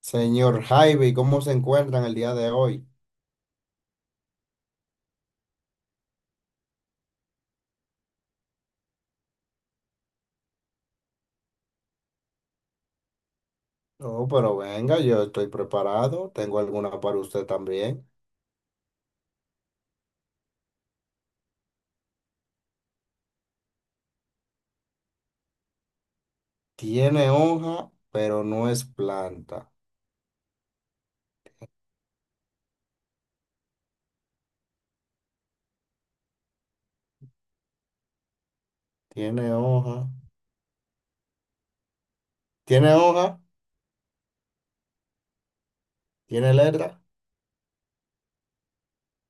Señor Javi, ¿cómo se encuentran el día de hoy? Oh, pero venga, yo estoy preparado. Tengo alguna para usted también. Tiene hoja, pero no es planta. Tiene hoja. Tiene hoja, tiene letra.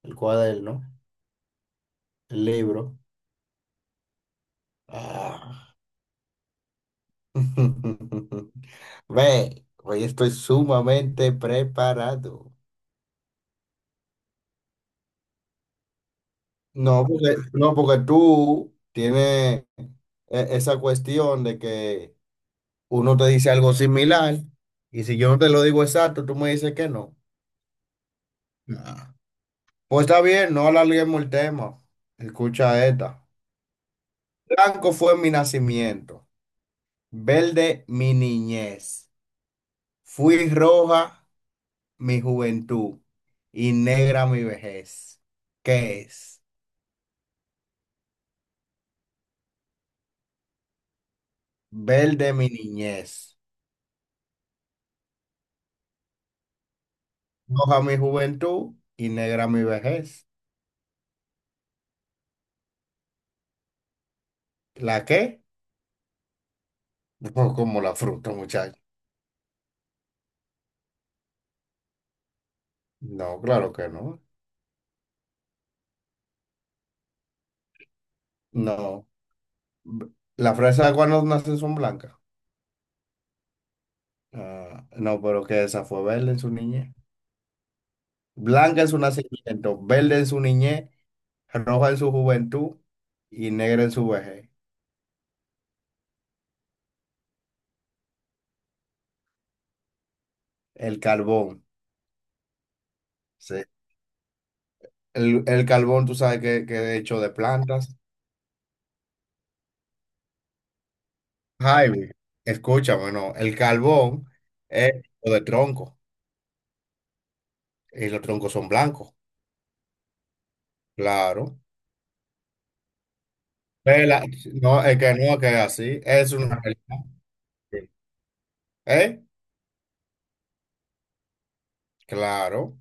El cuaderno, el libro. Ah. Ve, hoy estoy sumamente preparado. No, porque, no, porque tú tienes esa cuestión de que uno te dice algo similar, y si yo no te lo digo exacto, tú me dices que no. Nah. Pues está bien, no alarguemos el tema. Escucha esta. Blanco fue mi nacimiento, verde mi niñez, fui roja mi juventud y negra mi vejez. ¿Qué es? Verde mi niñez, roja mi juventud y negra mi vejez. ¿La qué? Pues como la fruta, muchacho. No, claro que no. No. B- La fresa de cuando nacen son blancas. Ah, no, pero que esa fue verde en su niñez. Blanca en su nacimiento, verde en su niñez, roja en su juventud y negra en su vejez. El carbón. Sí. El carbón, tú sabes que es hecho de plantas. Jaime, escúchame, no. El carbón es hecho de tronco y los troncos son blancos, claro. Vela, no, es que no, que es así. Es una realidad. Sí. ¿Eh? Claro.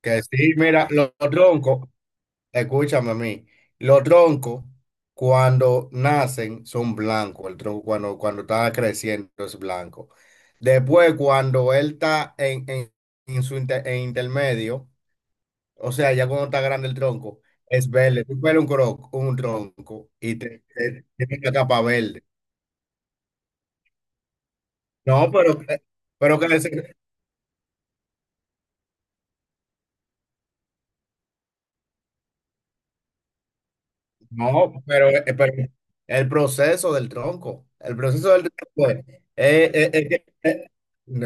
Que sí, mira, los troncos, escúchame a mí, los troncos cuando nacen son blancos, el tronco cuando está creciendo es blanco. Después, cuando él está en su en intermedio, o sea, ya cuando está grande el tronco, es verde. Tú ves un, un tronco y te, tiene la capa verde. No, pero crece. No, pero el proceso del tronco, el proceso del tronco es,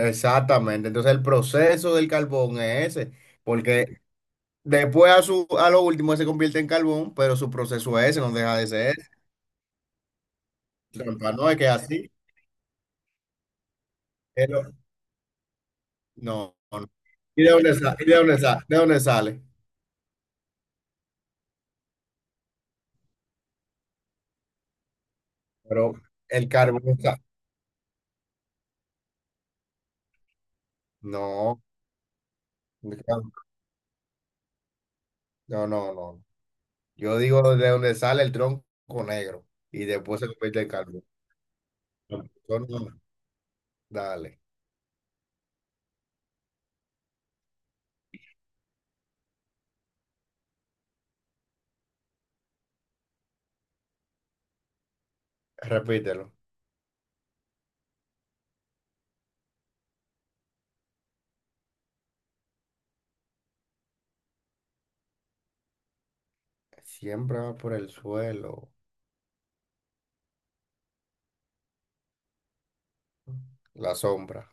exactamente, entonces el proceso del carbón es ese, porque después a, su, a lo último se convierte en carbón, pero su proceso es ese, no deja de ser, ese. Trampa, no es que es así, pero- no, no. ¿Y de dónde sale? ¿Y de dónde sale? ¿De dónde sale? Pero el carbón está, no, no, no, yo digo de dónde sale el tronco negro y después se convierte en carbón. Son- Dale, repítelo. Siempre va por el suelo. La sombra.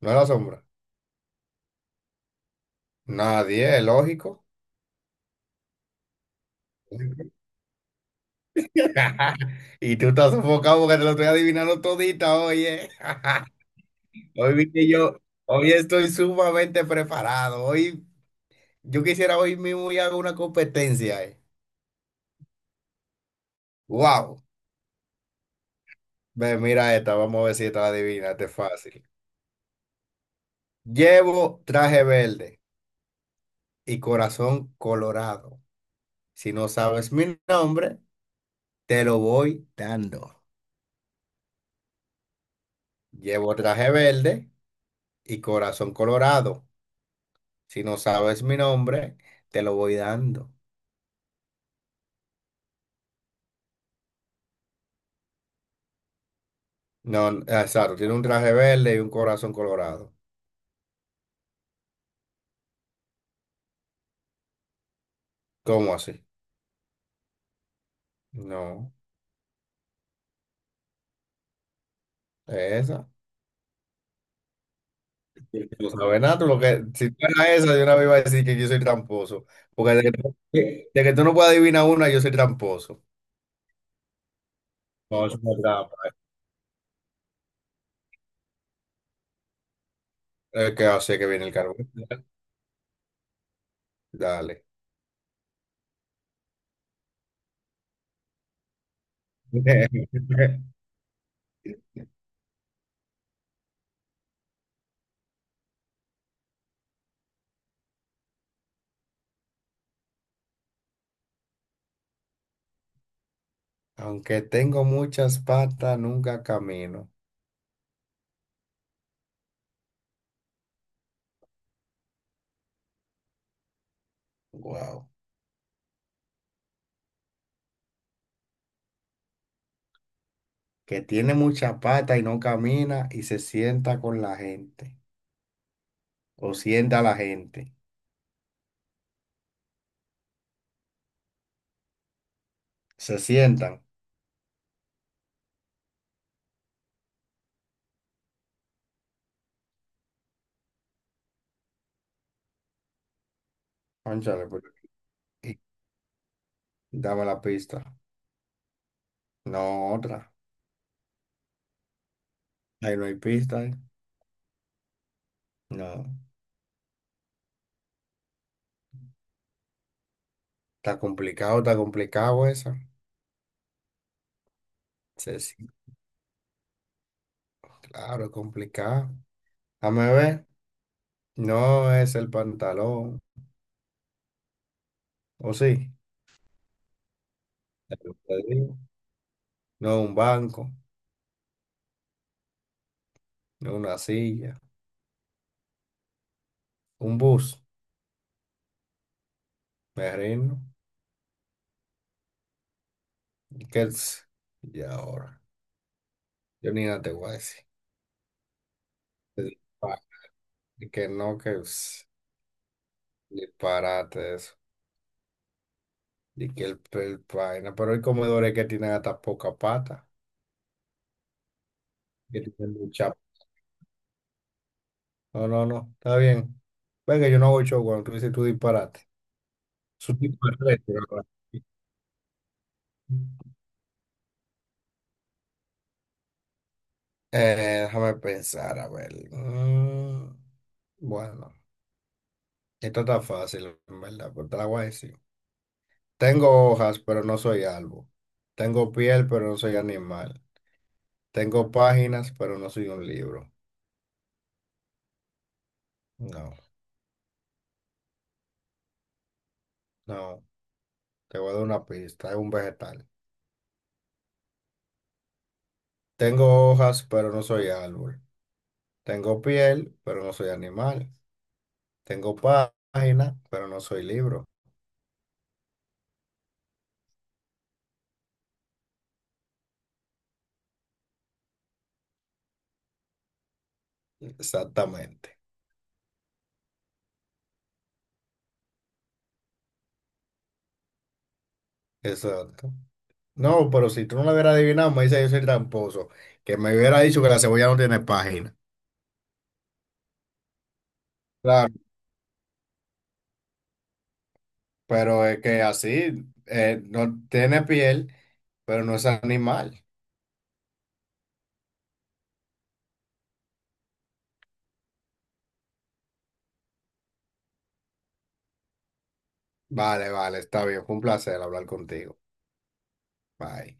No es la sombra. Nadie, es lógico. Y tú estás sofocado porque te lo estoy adivinando todita, oye. Hoy vi que yo, hoy estoy sumamente preparado. Hoy, yo quisiera hoy mismo ir a una competencia. Wow. Ve, mira esta, vamos a ver si esta la adivina, esta es fácil. Llevo traje verde y corazón colorado. Si no sabes mi nombre, te lo voy dando. Llevo traje verde y corazón colorado. Si no sabes mi nombre, te lo voy dando. No, exacto, tiene un traje verde y un corazón colorado. ¿Cómo así? No, es esa. Sí. Tú no sabes nada, tú lo que, si tú eras esa, yo una vez iba a decir que yo soy tramposo. Porque de que tú no puedes adivinar una, yo soy tramposo. No, es una trampa. Es que así que viene el carbón. Dale. Aunque tengo muchas patas, nunca camino. Wow. Que tiene muchas patas y no camina y se sienta con la gente. O sienta a la gente. Se sientan. Cónchale, y- dame la pista. No, otra. Ahí no hay pista, ¿eh? No. Está complicado eso. Sí, claro, es complicado. Dame ver. No es el pantalón. ¿O sí? Ya lo te digo. No es un banco. No es una silla. Un bus. Me reino. Kels. Y ahora. Yo ni nada te voy a decir. Es pa- que no, que es disparate eso. Y que el vaina. Pero hay comedores que tienen hasta poca pata. Que tienen mucha. No, no, no. Está bien. Venga, yo no hago show cuando tú dices tú disparate. Su tipo de reto, ¿verdad? Déjame pensar, a ver. Mm, bueno, esto está fácil, en verdad, pero te la voy a decir. Tengo hojas, pero no soy árbol. Tengo piel, pero no soy animal. Tengo páginas, pero no soy un libro. No, no. Te voy a dar una pista. Es un vegetal. Tengo hojas, pero no soy árbol. Tengo piel, pero no soy animal. Tengo página, pero no soy libro. Exactamente. Exacto. No, pero si tú no lo hubieras adivinado, me dice yo soy tramposo. Que me hubiera dicho que la cebolla no tiene página. Claro. Pero es que así, no tiene piel, pero no es animal. Vale, vale, está bien. Fue un placer hablar contigo. Bye.